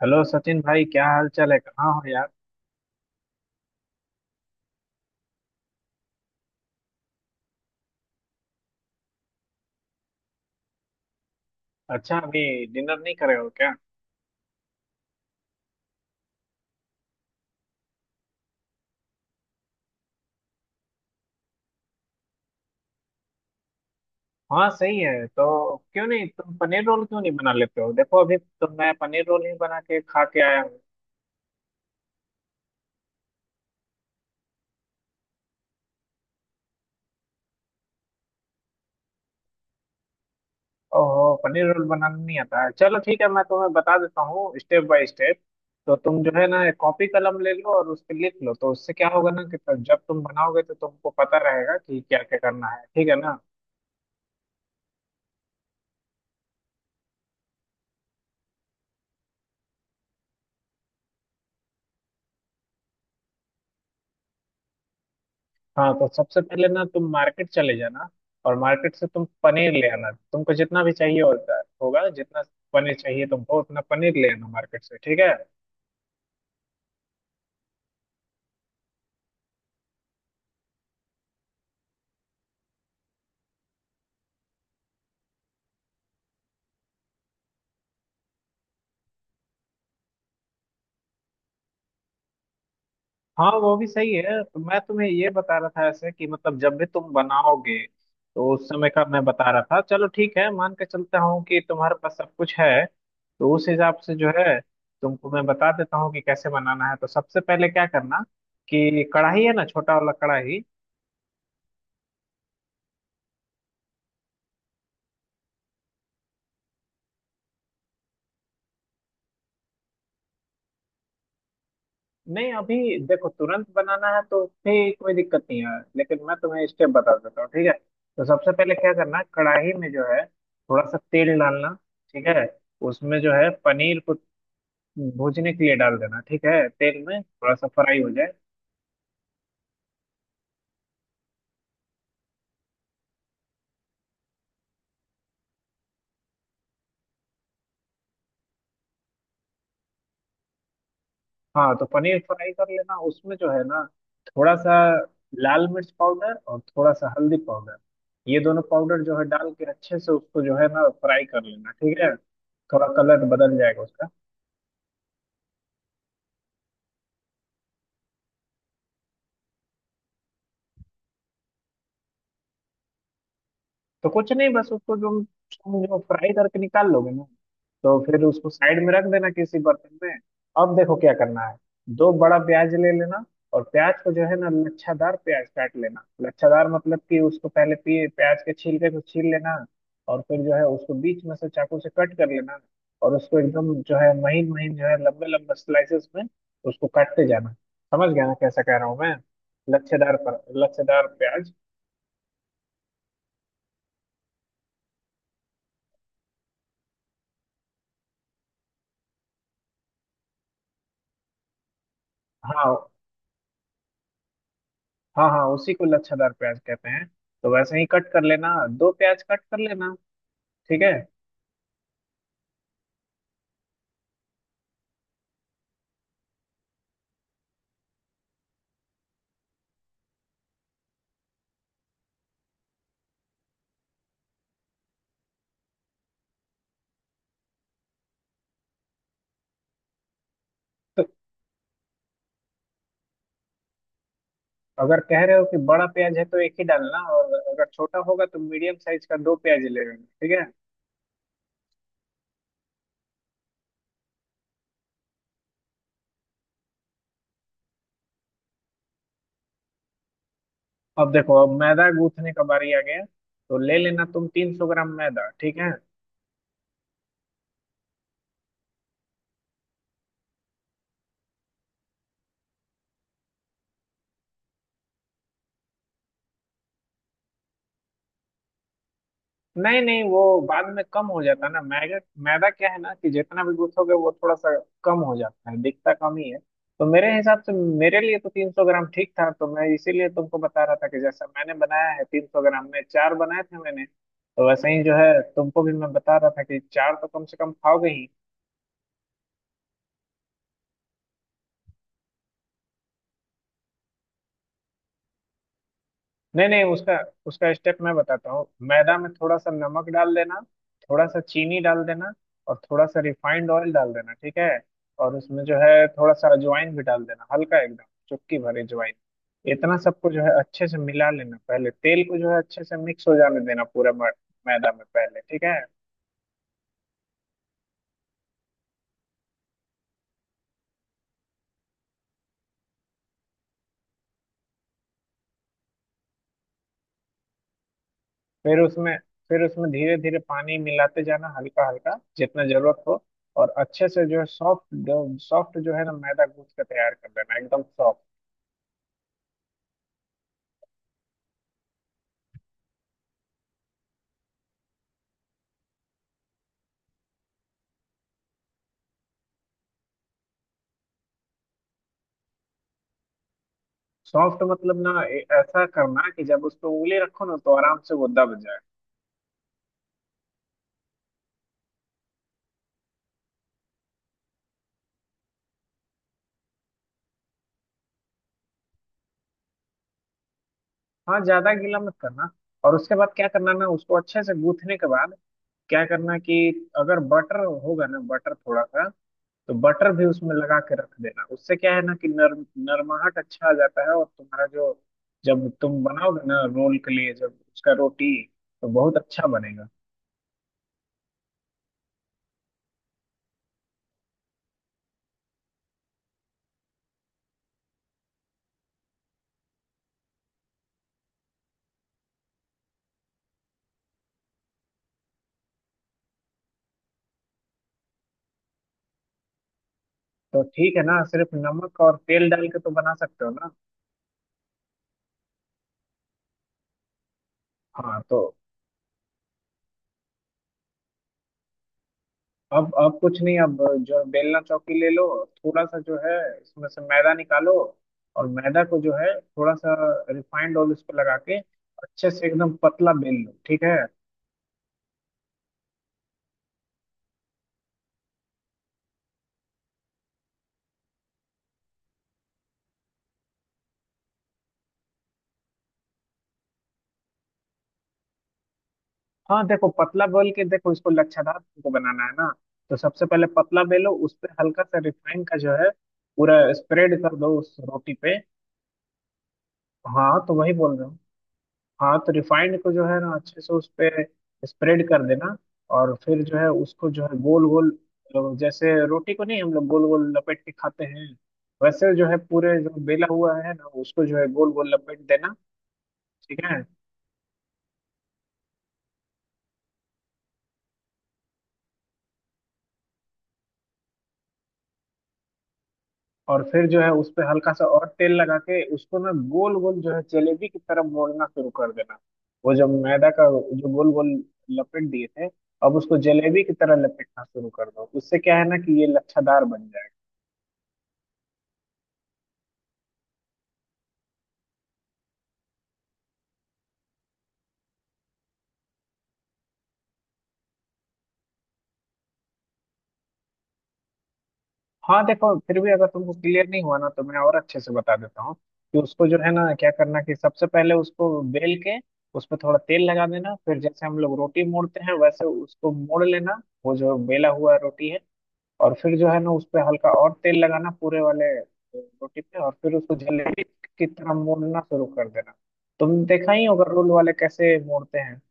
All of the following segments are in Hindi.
हेलो सचिन भाई, क्या हाल चाल है? कहाँ हो यार? अच्छा, अभी डिनर नहीं करे हो क्या? हाँ सही है, तो क्यों नहीं तुम पनीर रोल क्यों नहीं बना लेते हो। देखो अभी तो मैं पनीर रोल ही बना के खा के आया हूँ। ओहो, पनीर रोल बनाना नहीं आता है? चलो ठीक है, मैं तुम्हें बता देता हूँ स्टेप बाय स्टेप। तो तुम जो है ना एक कॉपी कलम ले लो और उस पर लिख लो, तो उससे क्या होगा ना कि तब जब तुम बनाओगे तो तुमको पता रहेगा कि क्या क्या करना है। ठीक है ना? हाँ तो सबसे पहले ना तुम मार्केट चले जाना और मार्केट से तुम पनीर ले आना। तुमको जितना भी चाहिए होता होगा, जितना पनीर चाहिए तुमको उतना पनीर ले आना मार्केट से। ठीक है। हाँ वो भी सही है, तो मैं तुम्हें ये बता रहा था ऐसे कि मतलब जब भी तुम बनाओगे तो उस समय का मैं बता रहा था। चलो ठीक है, मान के चलता हूँ कि तुम्हारे पास सब कुछ है तो उस हिसाब से जो है तुमको मैं बता देता हूँ कि कैसे बनाना है। तो सबसे पहले क्या करना कि कढ़ाई है ना, छोटा वाला कढ़ाई। नहीं अभी देखो, तुरंत बनाना है तो फिर कोई दिक्कत नहीं है, लेकिन मैं तुम्हें स्टेप बता देता हूँ। ठीक है। तो सबसे पहले क्या करना, कढ़ाई में जो है थोड़ा सा तेल डालना। ठीक है। उसमें जो है पनीर को भूनने के लिए डाल देना। ठीक है, तेल में थोड़ा सा फ्राई हो जाए। हाँ तो पनीर फ्राई कर लेना, उसमें जो है ना थोड़ा सा लाल मिर्च पाउडर और थोड़ा सा हल्दी पाउडर, ये दोनों पाउडर जो है डाल के अच्छे से उसको जो है ना फ्राई कर लेना। ठीक है, थोड़ा कलर बदल जाएगा उसका। तो कुछ नहीं, बस उसको जो तुम जो फ्राई करके निकाल लोगे ना तो फिर उसको साइड में रख देना किसी बर्तन में। अब देखो क्या करना है, दो बड़ा प्याज ले लेना और प्याज को जो है ना लच्छादार प्याज काट लेना। लच्छादार मतलब कि उसको पहले पी प्याज के छिलके को छील लेना, और फिर जो है उसको बीच में से चाकू से कट कर लेना, और उसको एकदम जो है महीन महीन जो है लंबे लंबे स्लाइसेस में उसको काटते जाना। समझ गया ना कैसा कह रहा हूँ मैं, लच्छेदार पर लच्छेदार प्याज। हाँ हाँ हाँ, उसी को लच्छादार प्याज कहते हैं, तो वैसे ही कट कर लेना। दो प्याज कट कर लेना। ठीक है। तो अगर कह रहे हो कि बड़ा प्याज है तो एक ही डालना, और अगर छोटा होगा तो मीडियम साइज का दो प्याज ले लेना। ठीक है। अब देखो, अब मैदा गूंथने का बारी आ गया। तो ले लेना तुम 300 ग्राम मैदा। ठीक है। नहीं नहीं, वो बाद में कम हो जाता है ना मैदा। मैदा क्या है ना कि जितना भी गूंथोगे वो थोड़ा सा कम हो जाता है, दिखता कम ही है। तो मेरे हिसाब से मेरे लिए तो 300 ग्राम ठीक था, तो मैं इसीलिए तुमको बता रहा था कि जैसा मैंने बनाया है 300 ग्राम में चार बनाए थे मैंने, तो वैसे ही जो है तुमको भी मैं बता रहा था कि चार तो कम से कम खाओगे ही। नहीं नहीं, उसका उसका स्टेप मैं बताता हूँ। मैदा में थोड़ा सा नमक डाल देना, थोड़ा सा चीनी डाल देना, और थोड़ा सा रिफाइंड ऑयल डाल देना। ठीक है। और उसमें जो है थोड़ा सा अजवाइन भी डाल देना, हल्का एकदम चुटकी भर अजवाइन। इतना सबको जो है अच्छे से मिला लेना, पहले तेल को जो है अच्छे से मिक्स हो जाने देना पूरा मैदा में पहले। ठीक है। फिर उसमें फिर उसमें धीरे धीरे पानी मिलाते जाना, हल्का हल्का जितना जरूरत हो, और अच्छे से जो है सॉफ्ट सॉफ्ट जो है ना मैदा गूंथ के तैयार कर लेना, एकदम सॉफ्ट। सॉफ्ट मतलब ना ऐसा करना कि जब उस पे उंगली रखो ना तो आराम से वो दब जाए। हाँ ज्यादा गीला मत करना। और उसके बाद क्या करना ना, उसको अच्छे से गूथने के बाद क्या करना कि अगर बटर होगा ना, बटर थोड़ा सा, तो बटर भी उसमें लगा के रख देना, उससे क्या है ना कि नरम नरमाहट अच्छा आ जाता है। और तुम्हारा जो जब तुम बनाओगे ना रोल के लिए जब उसका रोटी तो बहुत अच्छा बनेगा। तो ठीक है ना, सिर्फ नमक और तेल डाल के तो बना सकते हो ना। हाँ तो अब कुछ नहीं, अब जो बेलना चौकी ले लो। थोड़ा सा जो है इसमें से मैदा निकालो, और मैदा को जो है थोड़ा सा रिफाइंड ऑयल इस पे लगा के अच्छे से एकदम पतला बेल लो। ठीक है। हाँ देखो पतला बेल के देखो, इसको लच्छादार तुमको बनाना है ना, तो सबसे पहले पतला बेलो, उस पे हल्का सा रिफाइंड का जो है पूरा स्प्रेड कर दो उस रोटी पे। हाँ तो वही बोल रहा हूँ। हाँ तो रिफाइंड को जो है ना अच्छे से उस पे स्प्रेड कर देना, और फिर जो है उसको जो है गोल गोल जैसे रोटी को नहीं हम लोग गोल गोल लपेट के खाते हैं, वैसे जो है पूरे जो बेला हुआ है ना उसको जो है गोल गोल लपेट देना। ठीक है। और फिर जो है उस पे हल्का सा और तेल लगा के उसको ना गोल गोल जो है जलेबी की तरह मोड़ना शुरू कर देना। वो जो मैदा का जो गोल गोल लपेट दिए थे, अब उसको जलेबी की तरह लपेटना शुरू कर दो, उससे क्या है ना कि ये लच्छादार बन जाए। हाँ देखो, फिर भी अगर तुमको क्लियर नहीं हुआ ना तो मैं और अच्छे से बता देता हूँ कि उसको जो है ना क्या करना कि सबसे पहले उसको बेल के उस पर थोड़ा तेल लगा देना, फिर जैसे हम लोग रोटी मोड़ते हैं वैसे उसको मोड़ लेना, वो जो बेला हुआ रोटी है, और फिर जो है ना उस पर हल्का और तेल लगाना पूरे वाले रोटी पे, और फिर उसको जलेबी की तरह मोड़ना शुरू कर देना। तुम देखा ही होगा रोल वाले कैसे मोड़ते हैं।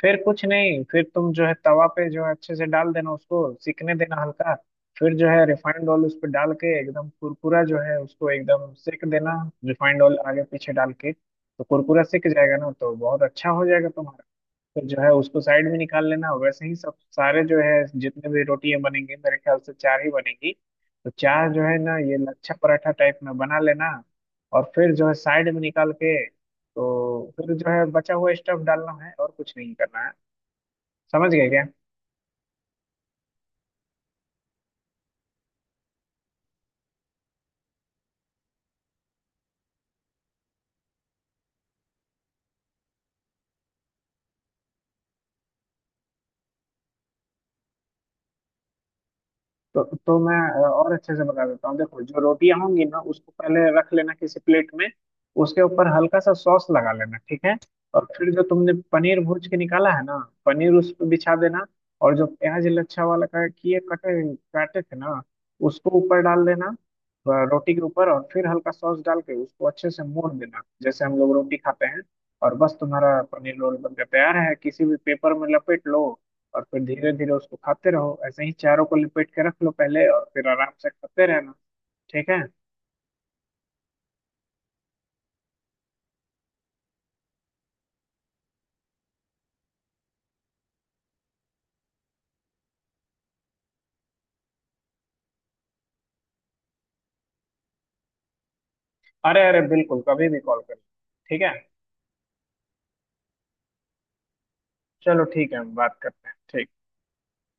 फिर कुछ नहीं, फिर तुम जो है तवा पे जो है अच्छे से डाल देना उसको, सिकने देना हल्का। फिर जो है रिफाइंड ऑयल उस पर डाल के एकदम कुरकुरा जो है उसको एकदम सेक देना। रिफाइंड ऑयल आगे पीछे डाल के तो कुरकुरा सिक जाएगा ना तो बहुत अच्छा हो जाएगा तुम्हारा। फिर जो है उसको साइड में निकाल लेना, वैसे ही सब सारे जो है जितने भी रोटियां बनेंगी, मेरे ख्याल से चार ही बनेगी। तो चार जो है ना ये लच्छा पराठा टाइप में बना लेना, और फिर जो है साइड में निकाल के तो फिर जो है बचा हुआ स्टफ डालना है, और कुछ नहीं करना है। समझ गए क्या? तो मैं और अच्छे से बता देता हूँ। देखो जो रोटियां होंगी ना उसको पहले रख लेना किसी प्लेट में, उसके ऊपर हल्का सा सॉस लगा लेना। ठीक है। और फिर जो तुमने पनीर भूज के निकाला है ना, पनीर उस पर बिछा देना, और जो प्याज लच्छा वाला का किए कटे काटे थे ना उसको ऊपर डाल देना रोटी के ऊपर, और फिर हल्का सॉस डाल के उसको अच्छे से मोड़ देना जैसे हम लोग रोटी खाते हैं। और बस तुम्हारा पनीर रोल बनकर तैयार है, किसी भी पेपर में लपेट लो और फिर धीरे धीरे उसको खाते रहो, ऐसे ही चारों को लपेट के रख लो पहले और फिर आराम से खाते रहना। ठीक है। अरे अरे बिल्कुल, कभी भी कॉल करना। ठीक है। चलो ठीक है, हम बात करते हैं। ठीक।